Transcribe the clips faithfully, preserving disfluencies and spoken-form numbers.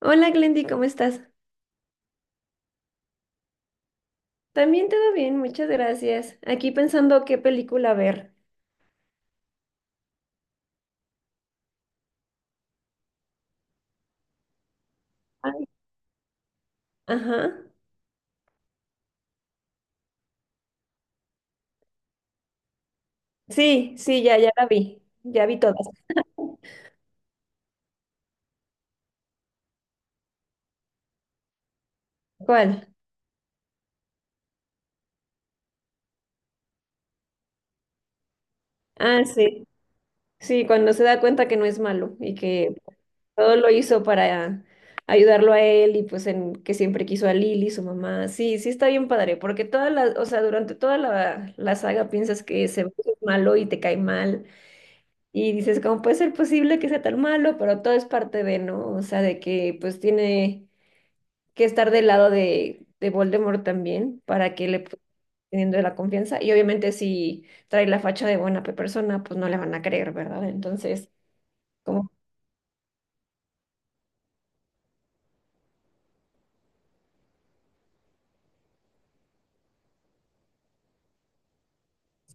Hola Glendy, ¿cómo estás? También todo bien, muchas gracias. Aquí pensando qué película ver. Ay. Ajá. Sí, sí, ya, ya la vi. Ya vi todas. ¿Cuál? Ah, sí. Sí, cuando se da cuenta que no es malo y que todo lo hizo para ayudarlo a él y pues en que siempre quiso a Lily, su mamá. Sí, sí está bien padre, porque toda la, o sea, durante toda la, la saga piensas que se ve es malo y te cae mal. Y dices, ¿cómo puede ser posible que sea tan malo? Pero todo es parte de, ¿no? O sea, de que pues tiene que estar del lado de, de Voldemort también para que le pu- teniendo la confianza. Y obviamente si trae la facha de buena pe- persona, pues no le van a creer, ¿verdad? Entonces, como,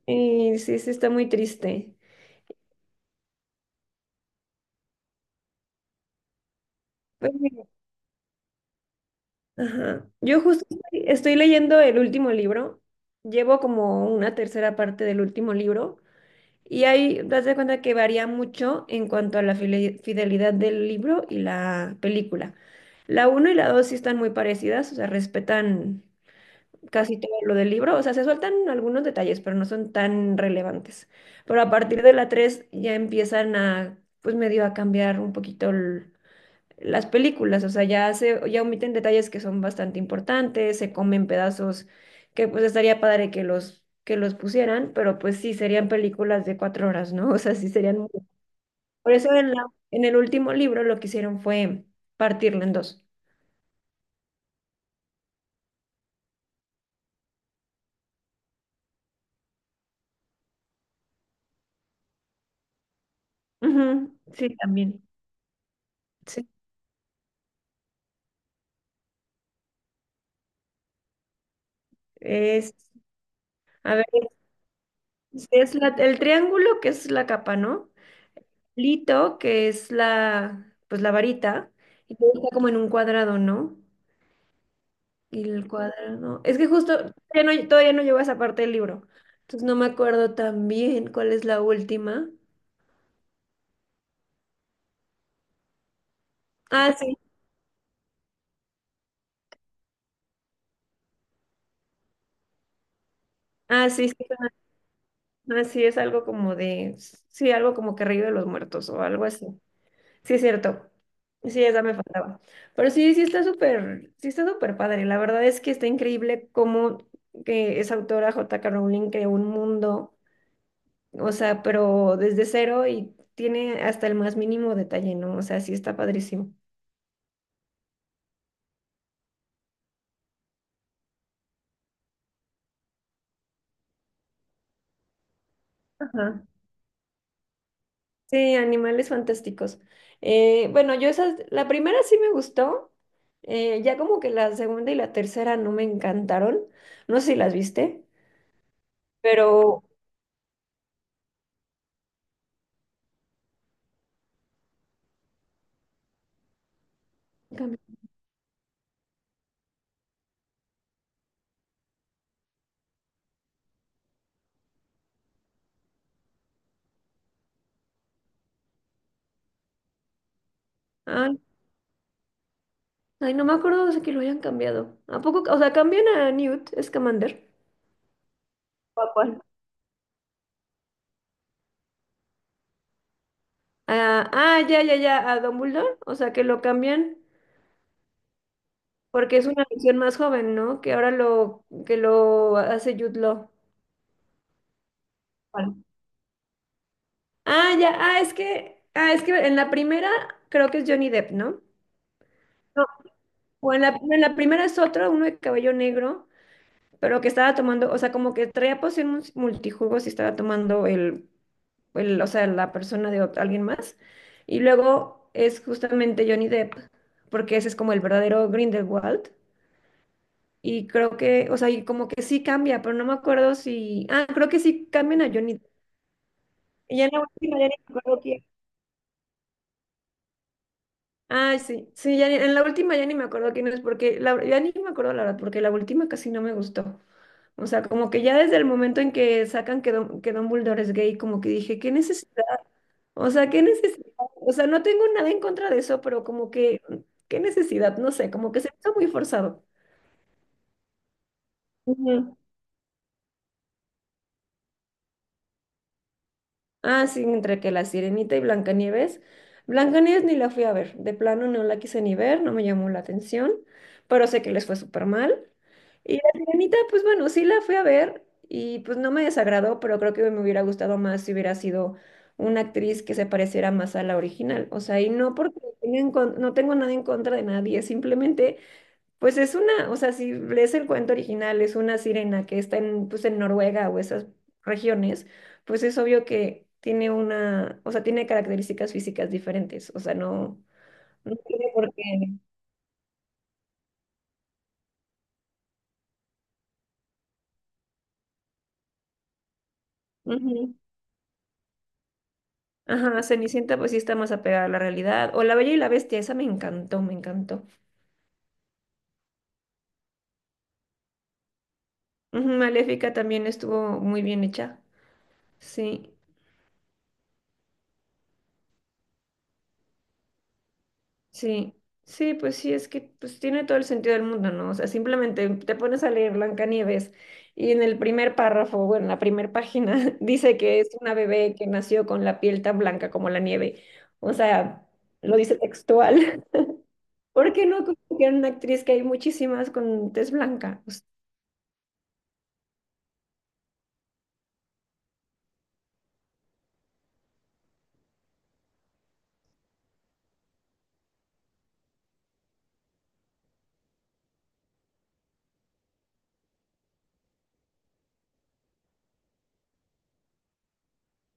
sí, sí, sí, está muy triste. Pues, mira, ajá. Yo justo estoy, estoy leyendo el último libro. Llevo como una tercera parte del último libro. Y ahí te das cuenta que varía mucho en cuanto a la file- fidelidad del libro y la película. La uno y la dos sí están muy parecidas, o sea, respetan casi todo lo del libro, o sea, se sueltan algunos detalles, pero no son tan relevantes. Pero a partir de la tres ya empiezan a, pues medio a cambiar un poquito el- las películas, o sea, ya se, ya omiten detalles que son bastante importantes, se comen pedazos que pues estaría padre que los, que los pusieran, pero pues sí serían películas de cuatro horas, ¿no? O sea, sí serían muy- Por eso en la, en el último libro lo que hicieron fue partirlo en dos. Ujú, sí, también. Sí. Es, a ver, es, es la- el triángulo que es la capa, ¿no? Lito, que es la, pues la varita, y luego está como en un cuadrado, ¿no? Y el cuaderno. Es que justo ya no- todavía no llevo esa parte del libro. Entonces no me acuerdo tan bien cuál es la última. Ah, sí. Ah, sí, sí. Ah, sí, es algo como de. Sí, algo como que río de los muertos o algo así. Sí, es cierto. Sí, esa me faltaba. Pero sí, sí está súper, sí está súper padre. La verdad es que está increíble cómo que esa autora J K. Rowling creó un mundo, o sea, pero desde cero y tiene hasta el más mínimo detalle, ¿no? O sea, sí está padrísimo. Ajá. Sí, Animales Fantásticos. Eh, bueno, yo esas, la primera sí me gustó, eh, ya como que la segunda y la tercera no me encantaron, no sé si las viste, pero... cambi- Ay, ay, no me acuerdo de que lo hayan cambiado. ¿A poco? O sea, cambian a Newt Scamander. ¿O a cuál? Ah, ah, ya, ya, ya, a Dumbledore, o sea, que lo cambian porque es una versión más joven, ¿no? Que ahora lo, que lo hace Jude Law. Ah, ya, ah, es que, ah, es que en la primera creo que es Johnny Depp, ¿no? No, o en la, en la primera es otro, uno de cabello negro, pero que estaba tomando, o sea, como que traía poción mus- multijugos y estaba tomando el, el, o sea, la persona de ot- alguien más. Y luego es justamente Johnny Depp, porque ese es como el verdadero Grindelwald. Y creo que, o sea, y como que sí cambia, pero no me acuerdo si, ah, creo que sí cambian a Johnny Depp. Y ya en la última ya ni me acuerdo. Ay, sí, sí, ya ni- en la última ya ni me acuerdo quién es, porque la, ya ni me acuerdo la verdad, porque la última casi no me gustó. O sea, como que ya desde el momento en que sacan que, Don, que Dumbledore es gay, como que dije, ¿qué necesidad? O sea, ¿qué necesidad? O sea, no tengo nada en contra de eso, pero como que, ¿qué necesidad? No sé, como que se me hizo muy forzado. Ujú. Ah, sí, entre que La Sirenita y Blancanieves. Blancanieves ni la fui a ver, de plano no la quise ni ver, no me llamó la atención, pero sé que les fue súper mal. Y La Sirenita, pues bueno, sí la fui a ver y pues no me desagradó, pero creo que me hubiera gustado más si hubiera sido una actriz que se pareciera más a la original. O sea, y no porque no tenga en con- no tengo nada en contra de nadie, simplemente pues es una, o sea, si lees el cuento original, es una sirena que está en, pues en Noruega o esas regiones, pues es obvio que tiene una, o sea, tiene características físicas diferentes, o sea, no, no tiene por qué. Ujú. Ajá, Cenicienta pues sí está más apegada a la realidad, o La Bella y la Bestia, esa me encantó, me encantó. Ujú, Maléfica también estuvo muy bien hecha, sí. Sí, sí, pues sí, es que pues tiene todo el sentido del mundo, ¿no? O sea, simplemente te pones a leer Blancanieves y en el primer párrafo, bueno, en la primera página, dice que es una bebé que nació con la piel tan blanca como la nieve. O sea, lo dice textual. ¿Por qué no copiar una actriz que hay muchísimas con tez blanca? O sea,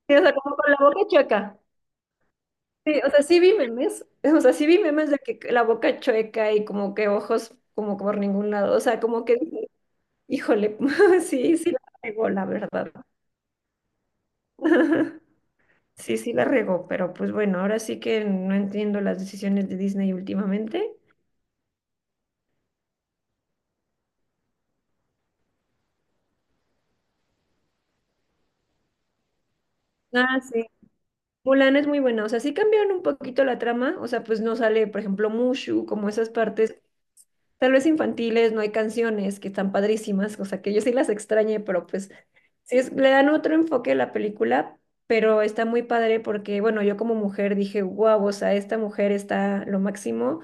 sí, o sea, como con la boca chueca. Sí, o sea, sí vi memes, o sea, sí vi memes de que la boca chueca y como que ojos como por ningún lado, o sea, como que Híjole, sí, sí la regó, la verdad. Sí, sí la regó, pero pues bueno, ahora sí que no entiendo las decisiones de Disney últimamente. Ah, sí. Mulan es muy buena, o sea, sí cambiaron un poquito la trama, o sea, pues no sale, por ejemplo, Mushu, como esas partes, tal vez infantiles, no hay canciones que están padrísimas, o sea, que yo sí las extrañé, pero pues sí, es- le dan otro enfoque a la película, pero está muy padre porque, bueno, yo como mujer dije, wow, o sea, esta mujer está lo máximo,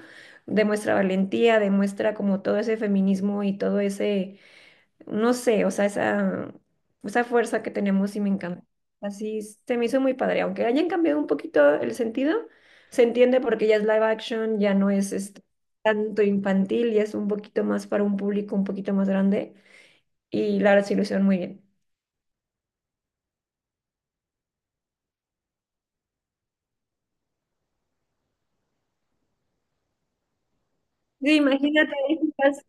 demuestra valentía, demuestra como todo ese feminismo y todo ese, no sé, o sea, esa, esa fuerza que tenemos y me encanta. Así es- se me hizo muy padre, aunque hayan cambiado un poquito el sentido, se entiende porque ya es live action, ya no es este, tanto infantil, ya es un poquito más para un público un poquito más grande y la resolución muy bien. Sí, imagínate, quizás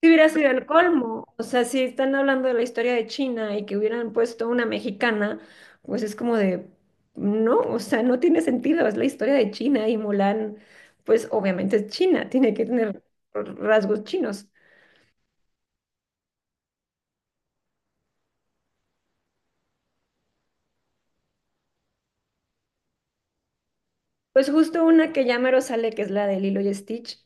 si hubiera sido el colmo. O sea, si están hablando de la historia de China y que hubieran puesto una mexicana, pues es como de, no, o sea, no tiene sentido, es la historia de China y Mulan, pues obviamente es China, tiene que tener rasgos chinos. Pues justo una que ya mero sale, que es la de Lilo y Stitch.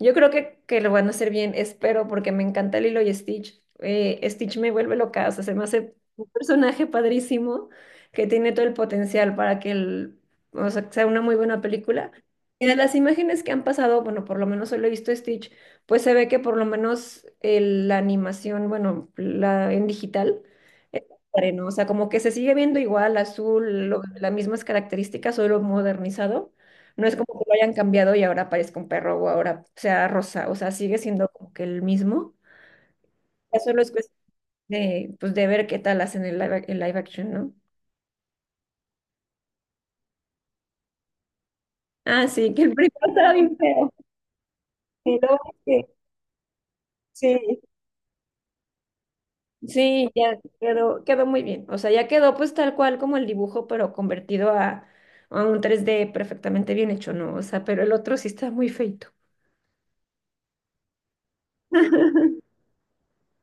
Yo creo que, que lo van a hacer bien, espero, porque me encanta Lilo y Stitch. Eh, Stitch me vuelve loca, o sea, se me hace un personaje padrísimo que tiene todo el potencial para que el, o sea, que sea una muy buena película. Y de las imágenes que han pasado, bueno, por lo menos solo he visto Stitch, pues se ve que por lo menos el- la animación, bueno, la en digital. ¿No? O sea, como que se sigue viendo igual, azul, lo- las mismas características, solo modernizado. No es como que lo hayan cambiado y ahora parezca un perro o ahora sea rosa. O sea, sigue siendo como que el mismo. Ya solo es cuestión de, pues, de ver qué tal hacen el live, ac- el live action, ¿no? Ah, sí, que el primero estaba bien feo. Sí, lo bueno es que sí. Sí, ya quedó, quedó muy bien. O sea, ya quedó pues tal cual como el dibujo, pero convertido a, a un tres D perfectamente bien hecho, ¿no? O sea, pero el otro sí está muy feito.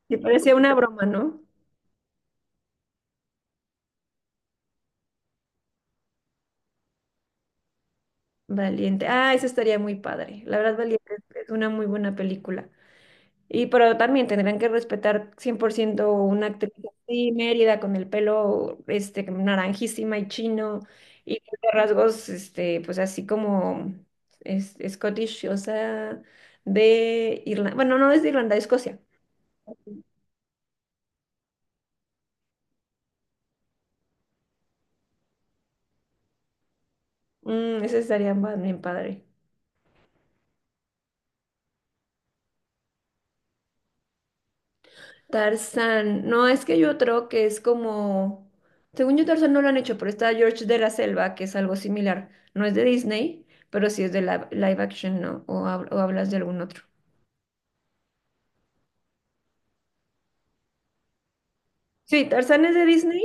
Me parecía una broma, ¿no? Valiente. Ah, eso estaría muy padre. La verdad, Valiente es es una muy buena película. Y pero también tendrían que respetar cien por ciento una actriz así, Mérida, con el pelo este, naranjísima y chino, y de rasgos, este, pues así como es, Scottish, o sea, de Irlanda. Bueno, no es de Irlanda, de Escocia. Mm, ese estaría más bien padre. Tarzán, no, es que hay otro que es como, según yo Tarzán no lo han hecho, pero está George de la Selva, que es algo similar. No es de Disney, pero sí es de la- live action, ¿no? O, hab- o hablas de algún otro. Sí, Tarzán es de Disney,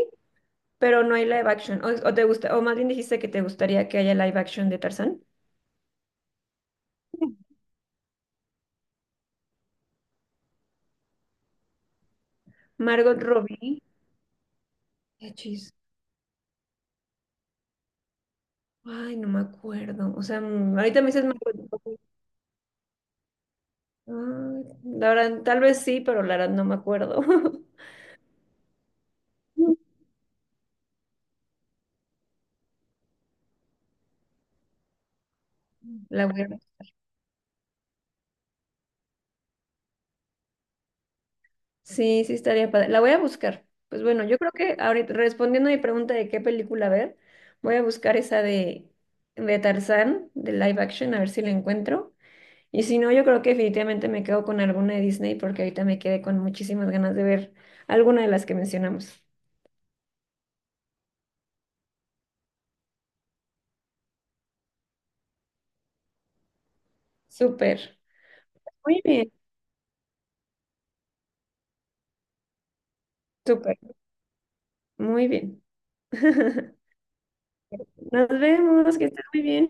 pero no hay live action. O, o te gusta, o más bien dijiste que te gustaría que haya live action de Tarzán. Margot Robbie. Qué chis. Ay, no me acuerdo. O sea, mm, ahorita me dices Margot Robbie. Ay, la verdad, tal vez sí, pero la verdad no me acuerdo. La voy a ver. Sí, sí estaría padre. La voy a buscar. Pues bueno, yo creo que ahorita, respondiendo a mi pregunta de qué película ver, voy a buscar esa de, de Tarzán, de live action, a ver si la encuentro. Y si no, yo creo que definitivamente me quedo con alguna de Disney porque ahorita me quedé con muchísimas ganas de ver alguna de las que mencionamos. Súper. Muy bien, súper. Muy bien. Nos vemos, que estés muy bien.